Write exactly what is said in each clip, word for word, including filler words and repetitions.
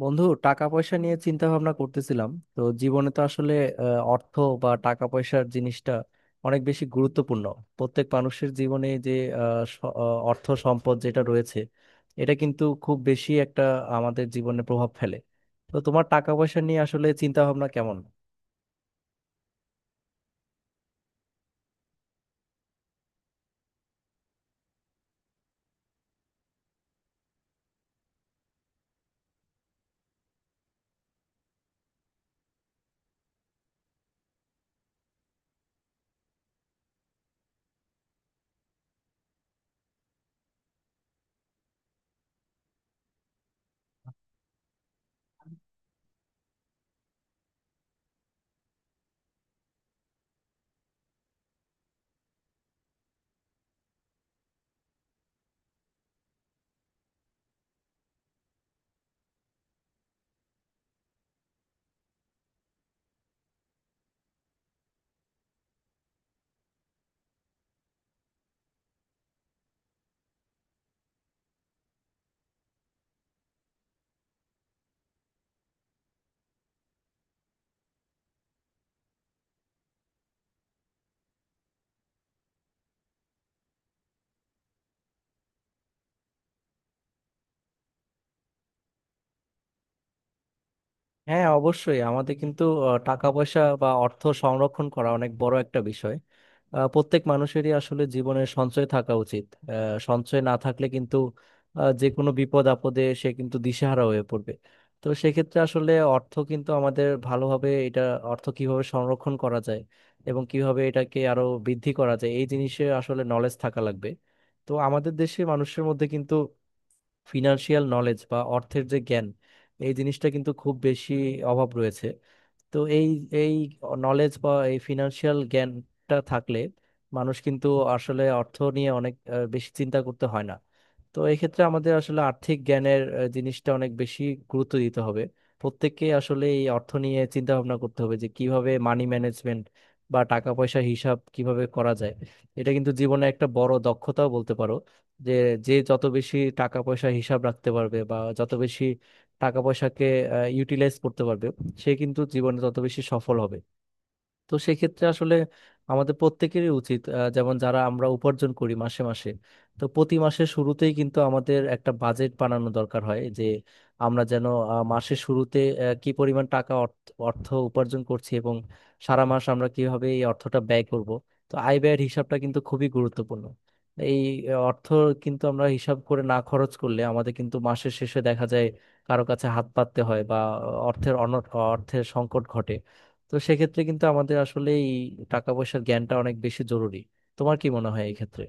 বন্ধু, টাকা পয়সা নিয়ে চিন্তা ভাবনা করতেছিলাম। তো জীবনে তো আসলে আহ, অর্থ বা টাকা পয়সার জিনিসটা অনেক বেশি গুরুত্বপূর্ণ প্রত্যেক মানুষের জীবনে। যে আহ, স- আহ, অর্থ সম্পদ যেটা রয়েছে, এটা কিন্তু খুব বেশি একটা আমাদের জীবনে প্রভাব ফেলে। তো তোমার টাকা পয়সা নিয়ে আসলে চিন্তা ভাবনা কেমন? হ্যাঁ, অবশ্যই আমাদের কিন্তু আহ, টাকা পয়সা বা অর্থ সংরক্ষণ করা অনেক বড় একটা বিষয়। আহ, প্রত্যেক মানুষেরই আসলে জীবনে সঞ্চয় থাকা উচিত। আহ, সঞ্চয় না থাকলে কিন্তু আহ, যে কোনো বিপদ আপদে সে কিন্তু দিশেহারা হয়ে পড়বে। তো সেক্ষেত্রে আসলে অর্থ কিন্তু আমাদের ভালোভাবে, এটা অর্থ কিভাবে সংরক্ষণ করা যায় এবং কিভাবে এটাকে আরো বৃদ্ধি করা যায়, এই জিনিসে আসলে নলেজ থাকা লাগবে। তো আমাদের দেশে মানুষের মধ্যে কিন্তু ফিনান্সিয়াল নলেজ বা অর্থের যে জ্ঞান, এই জিনিসটা কিন্তু খুব বেশি অভাব রয়েছে। তো এই এই নলেজ বা এই ফিনান্সিয়াল জ্ঞানটা থাকলে মানুষ কিন্তু আসলে অর্থ নিয়ে অনেক আহ, বেশি চিন্তা করতে হয় না। তো এই ক্ষেত্রে আমাদের আসলে আর্থিক জ্ঞানের আহ, জিনিসটা অনেক বেশি গুরুত্ব দিতে হবে। প্রত্যেককে আসলে এই অর্থ নিয়ে চিন্তা ভাবনা করতে হবে যে কিভাবে মানি ম্যানেজমেন্ট বা টাকা পয়সা হিসাব কিভাবে করা যায়। এটা কিন্তু জীবনে একটা বড় দক্ষতাও বলতে পারো। যে যে যত বেশি টাকা পয়সা হিসাব রাখতে পারবে বা যত বেশি টাকা পয়সাকে ইউটিলাইজ করতে পারবে, সে কিন্তু জীবনে তত বেশি সফল হবে। তো সেক্ষেত্রে আসলে আমাদের প্রত্যেকেরই উচিত, আহ, যেমন যারা আমরা উপার্জন করি মাসে মাসে, তো প্রতি মাসের শুরুতেই কিন্তু আমাদের একটা বাজেট বানানো দরকার হয়। যে আমরা যেন আহ, মাসের শুরুতে আহ, কি পরিমাণ টাকা অর্থ অর্থ উপার্জন করছি এবং সারা মাস আমরা কিভাবে এই অর্থটা ব্যয় করব। তো আয় ব্যয়ের হিসাবটা কিন্তু খুবই গুরুত্বপূর্ণ। এই আহ, অর্থ কিন্তু আমরা হিসাব করে না খরচ করলে আমাদের কিন্তু মাসের শেষে দেখা যায় কারো কাছে হাত পাততে হয়, বা অর্থের অন অর্থের সংকট ঘটে। তো সেক্ষেত্রে কিন্তু আমাদের আসলে এই টাকা পয়সার জ্ঞানটা অনেক বেশি জরুরি। তোমার কি মনে হয় এই ক্ষেত্রে?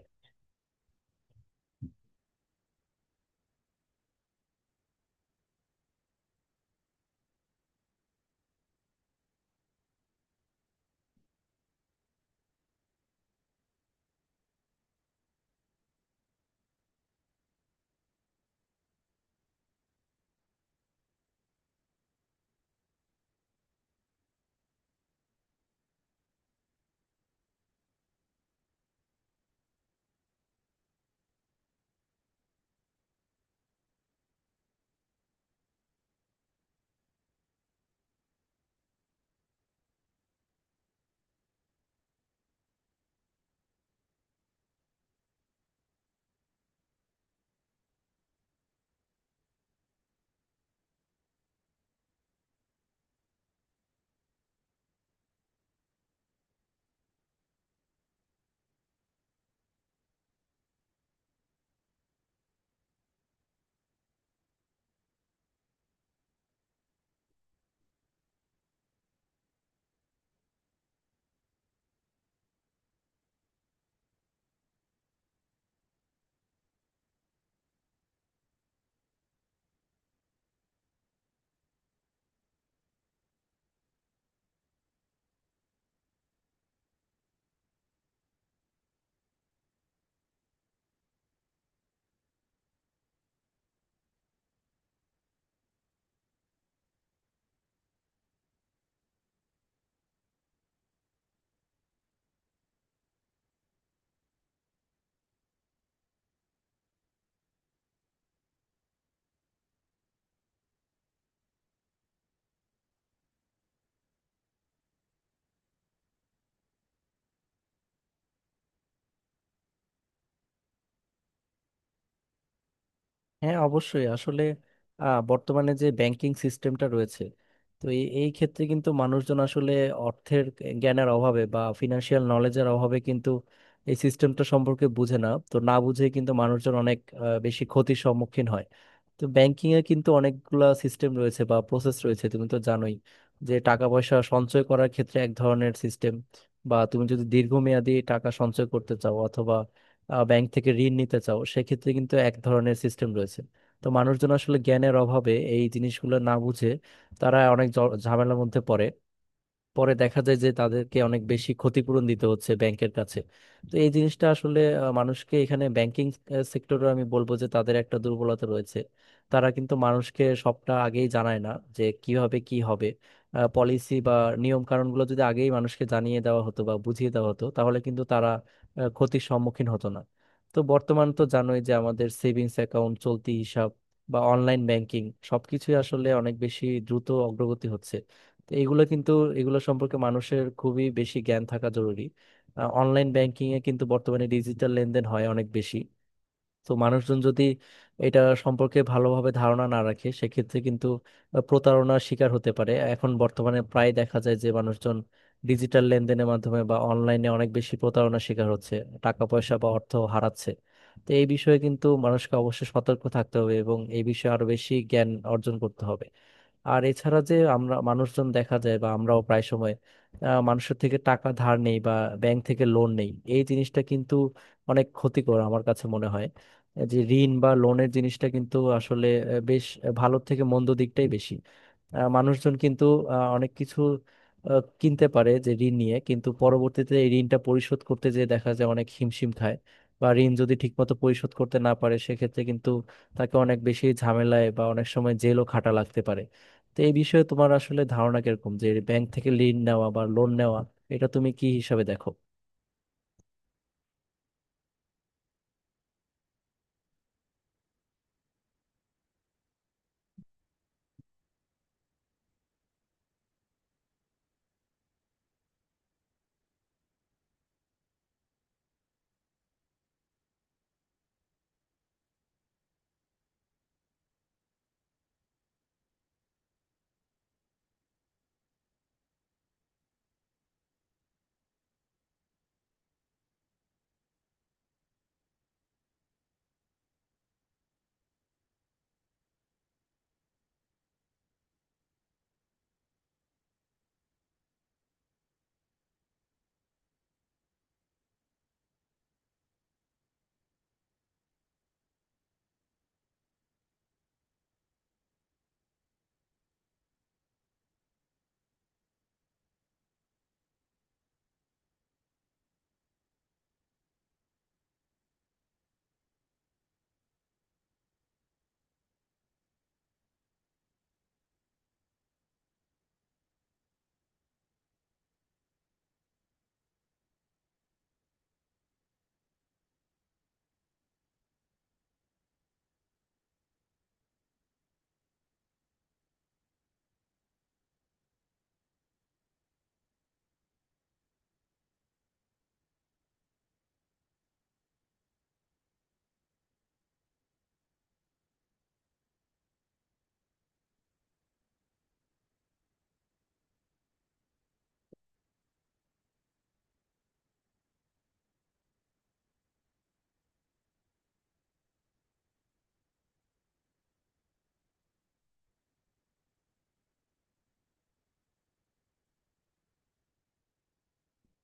হ্যাঁ, অবশ্যই আসলে আহ, বর্তমানে যে ব্যাংকিং সিস্টেমটা রয়েছে, তো এই এই ক্ষেত্রে কিন্তু মানুষজন আসলে অর্থের জ্ঞানের অভাবে বা ফিনান্সিয়াল নলেজের অভাবে কিন্তু এই সিস্টেমটা সম্পর্কে বুঝে না। তো না বুঝে কিন্তু মানুষজন অনেক আহ, বেশি ক্ষতির সম্মুখীন হয়। তো ব্যাংকিং এ কিন্তু অনেকগুলা সিস্টেম রয়েছে বা প্রসেস রয়েছে, তুমি তো জানোই। যে টাকা পয়সা সঞ্চয় করার ক্ষেত্রে এক ধরনের সিস্টেম, বা তুমি যদি দীর্ঘমেয়াদী টাকা সঞ্চয় করতে চাও অথবা আহ, ব্যাংক থেকে ঋণ নিতে চাও সেক্ষেত্রে কিন্তু এক ধরনের সিস্টেম রয়েছে। তো মানুষজন আসলে জ্ঞানের অভাবে এই জিনিসগুলো না বুঝে তারা অনেক জ- ঝামেলার মধ্যে পড়ে। পরে দেখা যায় যে তাদেরকে অনেক বেশি ক্ষতিপূরণ দিতে হচ্ছে ব্যাংকের কাছে। তো এই জিনিসটা আসলে আহ, মানুষকে, এখানে ব্যাংকিং সেক্টরে আমি বলবো যে তাদের একটা দুর্বলতা রয়েছে। তারা কিন্তু মানুষকে সবটা আগেই জানায় না যে কিভাবে কি হবে। পলিসি বা নিয়ম কানুনগুলো যদি আগেই মানুষকে জানিয়ে দেওয়া হতো বা বুঝিয়ে দেওয়া হতো তাহলে কিন্তু তারা আহ, ক্ষতির সম্মুখীন হতো না। তো বর্তমান তো জানোই যে আমাদের সেভিংস অ্যাকাউন্ট, চলতি হিসাব বা অনলাইন ব্যাংকিং, সবকিছুই আসলে অনেক বেশি দ্রুত অগ্রগতি হচ্ছে। তো এগুলো কিন্তু এগুলো সম্পর্কে মানুষের খুবই বেশি জ্ঞান থাকা জরুরি। অনলাইন ব্যাংকিং এ কিন্তু বর্তমানে ডিজিটাল লেনদেন হয় অনেক বেশি। তো মানুষজন যদি এটা সম্পর্কে ভালোভাবে ধারণা না রাখে সেক্ষেত্রে কিন্তু আহ, প্রতারণার শিকার হতে পারে। এখন বর্তমানে প্রায় দেখা যায় যে মানুষজন ডিজিটাল লেনদেনের মাধ্যমে বা অনলাইনে অনেক বেশি প্রতারণার শিকার হচ্ছে, টাকা পয়সা বা অর্থ হারাচ্ছে। তো এই বিষয়ে কিন্তু মানুষকে অবশ্যই সতর্ক থাকতে হবে এবং এই বিষয়ে আরো বেশি জ্ঞান অর্জন করতে হবে। আর এছাড়া, যে আমরা মানুষজন দেখা যায় বা আমরাও প্রায় সময় আহ, মানুষের থেকে টাকা ধার নেই বা ব্যাংক থেকে লোন নেই, এই জিনিসটা কিন্তু অনেক ক্ষতিকর আমার কাছে মনে হয়। যে ঋণ বা লোনের জিনিসটা কিন্তু আসলে আহ, বেশ ভালোর থেকে মন্দ দিকটাই বেশি। আহ, মানুষজন কিন্তু আহ, অনেক কিছু আহ, কিনতে পারে যে ঋণ নিয়ে, কিন্তু পরবর্তীতে এই ঋণটা পরিশোধ করতে যেয়ে দেখা যায় অনেক হিমশিম খায়। বা ঋণ যদি ঠিকমতো পরিশোধ করতে না পারে সেক্ষেত্রে কিন্তু তাকে অনেক বেশি ঝামেলায় বা অনেক সময় জেলও খাটা লাগতে পারে। তো এই বিষয়ে তোমার আসলে ধারণা কিরকম যে ব্যাংক থেকে ঋণ নেওয়া বা লোন নেওয়া, এটা তুমি কি হিসাবে দেখো?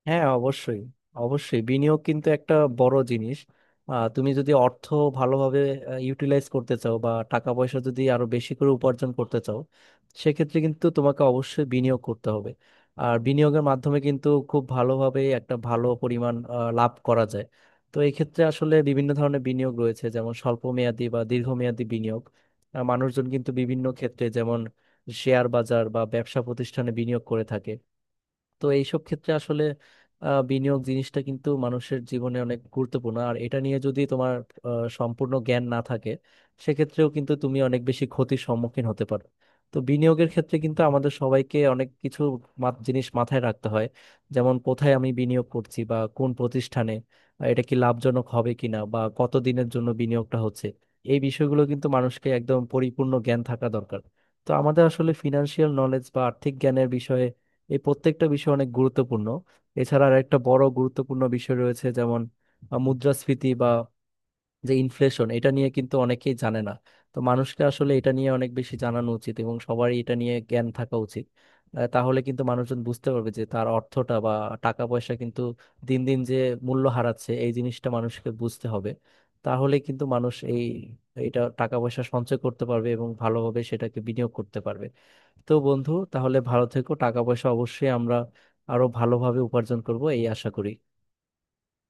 হ্যাঁ, অবশ্যই। অবশ্যই বিনিয়োগ কিন্তু একটা বড় জিনিস। আহ, তুমি যদি অর্থ ভালোভাবে ইউটিলাইজ করতে চাও বা টাকা পয়সা যদি আরো বেশি করে উপার্জন করতে চাও সেক্ষেত্রে কিন্তু তোমাকে অবশ্যই বিনিয়োগ করতে হবে। আর বিনিয়োগের মাধ্যমে কিন্তু খুব ভালোভাবে একটা ভালো পরিমাণ আহ, লাভ করা যায়। তো এই ক্ষেত্রে আসলে বিভিন্ন ধরনের বিনিয়োগ রয়েছে, যেমন স্বল্প মেয়াদী বা দীর্ঘমেয়াদী বিনিয়োগ। আহ, মানুষজন কিন্তু বিভিন্ন ক্ষেত্রে, যেমন শেয়ার বাজার বা ব্যবসা প্রতিষ্ঠানে বিনিয়োগ করে থাকে। তো এইসব ক্ষেত্রে আসলে আহ, বিনিয়োগ জিনিসটা কিন্তু মানুষের জীবনে অনেক গুরুত্বপূর্ণ। আর এটা নিয়ে যদি তোমার আহ, সম্পূর্ণ জ্ঞান না থাকে সেক্ষেত্রেও কিন্তু তুমি অনেক বেশি ক্ষতির সম্মুখীন হতে পারো। তো বিনিয়োগের ক্ষেত্রে কিন্তু আমাদের সবাইকে অনেক কিছু মা- জিনিস মাথায় রাখতে হয়। যেমন কোথায় আমি বিনিয়োগ করছি বা কোন প্রতিষ্ঠানে, আহ, এটা কি লাভজনক হবে কিনা বা কত দিনের জন্য বিনিয়োগটা হচ্ছে, এই বিষয়গুলো কিন্তু মানুষকে একদম পরিপূর্ণ জ্ঞান থাকা দরকার। তো আমাদের আসলে ফিনান্সিয়াল নলেজ বা আর্থিক জ্ঞানের বিষয়ে এই প্রত্যেকটা বিষয় অনেক গুরুত্বপূর্ণ। এছাড়া আর একটা বড় গুরুত্বপূর্ণ বিষয় রয়েছে, যেমন আহ, মুদ্রাস্ফীতি বা যে ইনফ্লেশন, এটা নিয়ে কিন্তু অনেকেই জানে না। তো মানুষকে আসলে এটা নিয়ে অনেক বেশি জানানো উচিত এবং সবারই এটা নিয়ে জ্ঞান থাকা উচিত। আহ, তাহলে কিন্তু মানুষজন বুঝতে পারবে যে তার অর্থটা বা টাকা পয়সা কিন্তু দিন দিন যে মূল্য হারাচ্ছে, এই জিনিসটা মানুষকে বুঝতে হবে। তাহলে কিন্তু মানুষ এই এটা টাকা পয়সা সঞ্চয় করতে পারবে এবং ভালোভাবে সেটাকে বিনিয়োগ করতে পারবে। তো বন্ধু, তাহলে ভালো থেকো। টাকা পয়সা অবশ্যই আমরা আরো ভালোভাবে উপার্জন করব এই আশা করি।